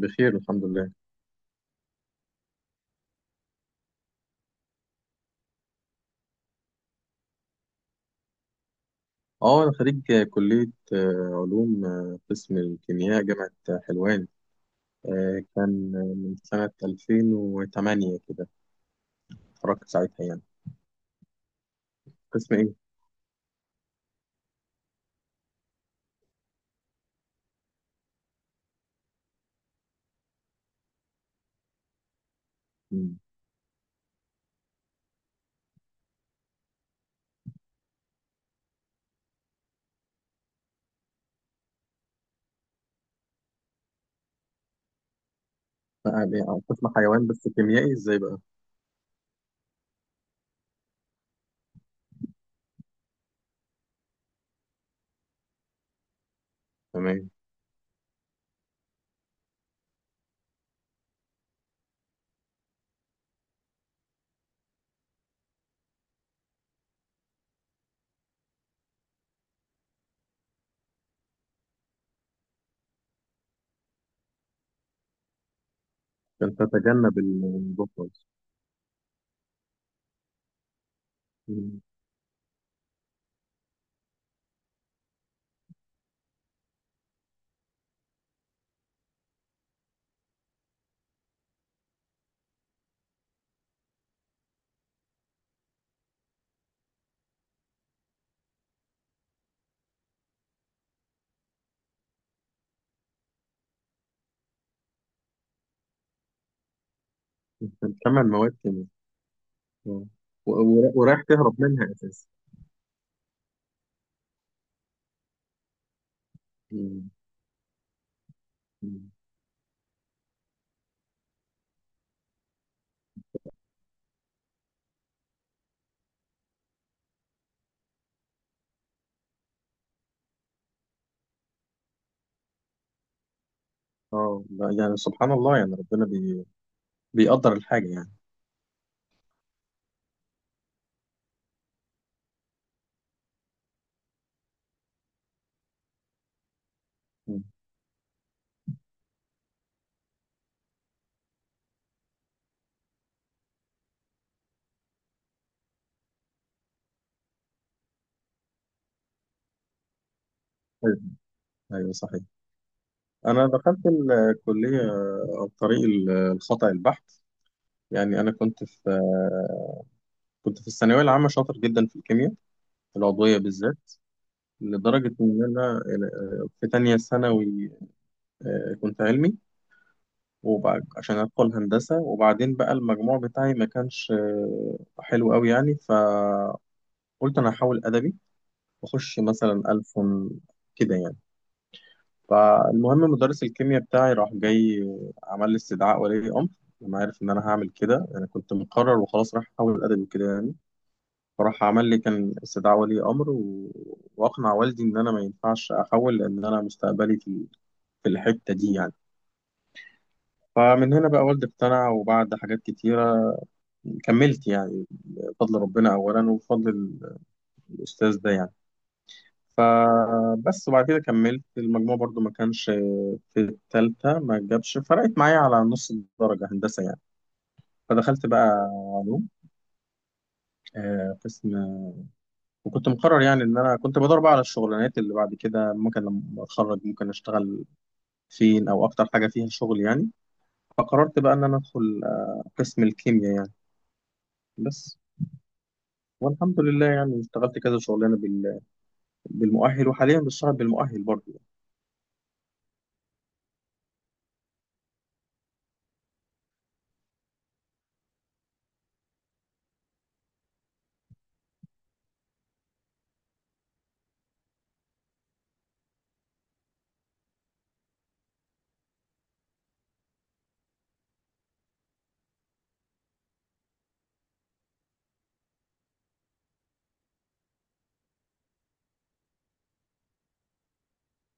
بخير الحمد لله. اه انا خريج كلية علوم، قسم الكيمياء، جامعة حلوان. كان من سنة 2008 كده، اتخرجت ساعتها يعني. قسم ايه؟ مم. بقى ليه؟ قسم حيوان بس كيميائي ازاي بقى؟ تمام. عشان تتجنب الموضوع خالص. مم. كان ثمان مواد كيمياء آه. و- و- ورايح تهرب منها اساسا. مم. مم. اه لا، يعني سبحان الله، يعني بيقدر الحاجة يعني. مم. ايوه. أيوة، صحيح. أنا دخلت الكلية عن طريق الخطأ البحت. يعني أنا كنت في الثانوية العامة شاطر جدا في الكيمياء العضوية بالذات، لدرجة إن أنا في تانية ثانوي كنت علمي، وبعد عشان أدخل هندسة. وبعدين بقى المجموع بتاعي ما كانش حلو أوي، يعني فقلت أنا هحاول أدبي وأخش مثلا ألف كده يعني. فالمهم مدرس الكيمياء بتاعي راح جاي عمل لي استدعاء ولي امر لما عرف ان انا هعمل كده، انا كنت مقرر وخلاص راح احول ادبي كده يعني. فراح عمل لي كان استدعاء ولي امر و... واقنع والدي ان انا ما ينفعش احول، لان انا مستقبلي في الحته دي يعني. فمن هنا بقى والدي اقتنع، وبعد حاجات كتيره كملت يعني بفضل ربنا اولا وبفضل الاستاذ ده يعني. فبس، وبعد كده كملت. المجموع برضو ما كانش في التالتة، ما جابش، فرقت معايا على نص درجة هندسة يعني. فدخلت بقى علوم، قسم. وكنت مقرر يعني ان انا كنت بدور بقى على الشغلانات اللي بعد كده ممكن لما اتخرج ممكن اشتغل فين، او اكتر حاجة فيها شغل يعني. فقررت بقى ان انا ادخل قسم الكيمياء يعني، بس. والحمد لله يعني اشتغلت كذا شغلانة بالمؤهل، وحاليا بشتغل بالمؤهل برضه.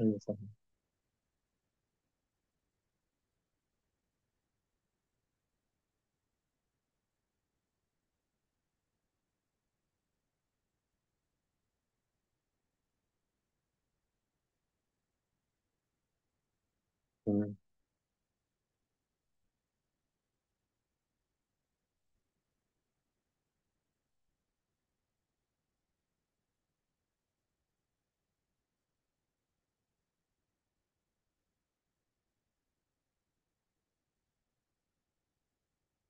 ايوه، فاهم. تمام.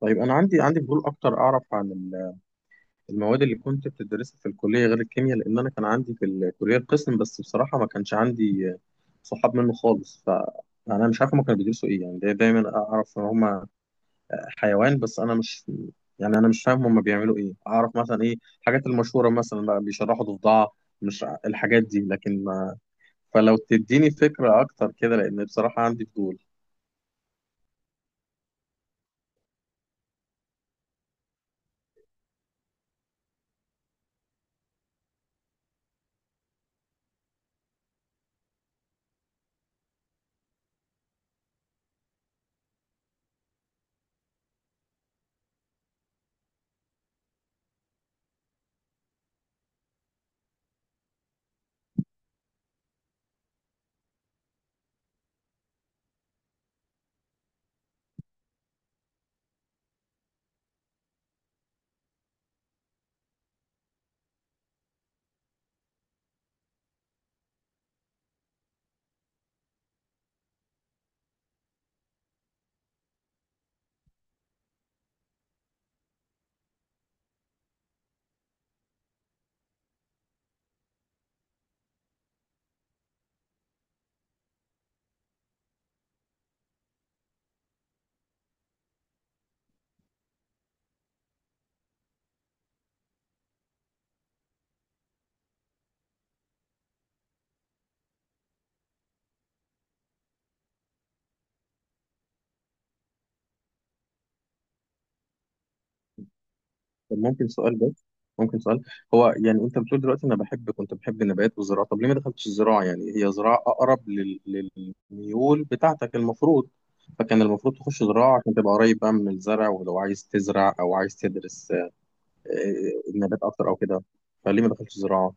طيب انا عندي فضول اكتر اعرف عن المواد اللي كنت بتدرسها في الكلية غير الكيمياء، لأن أنا كان عندي في الكلية القسم، بس بصراحة ما كانش عندي صحاب منه خالص، فأنا مش عارف هما كانوا بيدرسوا إيه يعني. دايما أعرف إن هما حيوان، بس أنا مش، يعني أنا مش فاهم هما بيعملوا إيه. أعرف مثلا إيه الحاجات المشهورة، مثلا بقى بيشرحوا ضفدعة مش ع- الحاجات دي، لكن ما، فلو تديني فكرة أكتر كده لأن بصراحة عندي فضول. طب ممكن سؤال بس، ممكن سؤال. هو يعني انت بتقول دلوقتي انا بحب، كنت بحب النبات والزراعه، طب ليه ما دخلتش الزراعه؟ يعني هي زراعه اقرب للميول بتاعتك المفروض. فكان المفروض تخش زراعه عشان تبقى قريب بقى من الزرع، ولو عايز تزرع او عايز تدرس آه، النبات اكتر او كده. فليه ما دخلتش زراعه؟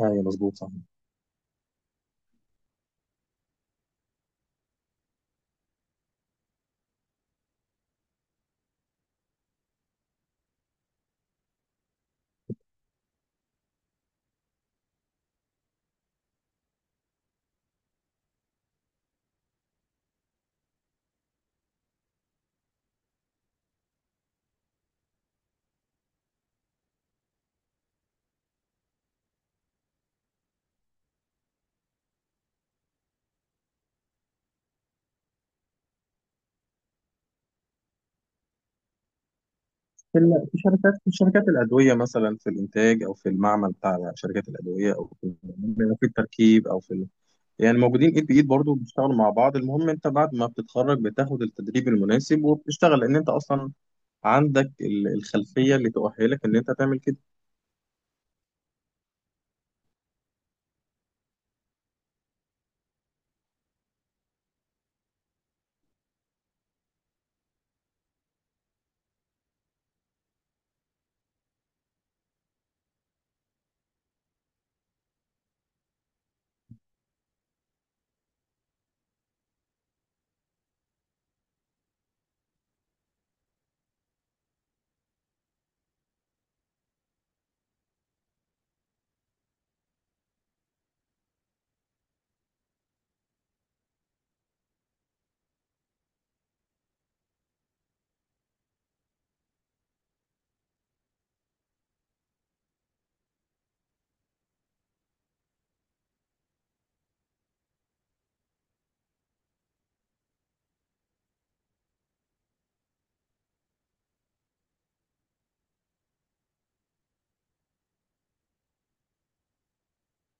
ايوه، مظبوط، صح. في شركات، في شركات الادويه مثلا، في الانتاج او في المعمل بتاع شركات الادويه، او في في التركيب او في يعني موجودين ايد بايد برضه، بيشتغلوا مع بعض. المهم انت بعد ما بتتخرج بتاخد التدريب المناسب وبتشتغل، لان انت اصلا عندك الخلفيه اللي تؤهلك ان انت تعمل كده.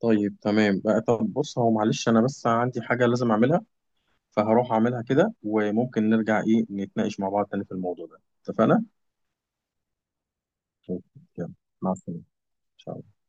طيب تمام بقى. طب بص، هو معلش انا بس عندي حاجه لازم اعملها، فهروح اعملها كده، وممكن نرجع ايه نتناقش مع بعض تاني في الموضوع ده، اتفقنا؟ طيب، يلا، مع السلامه. إن شاء الله.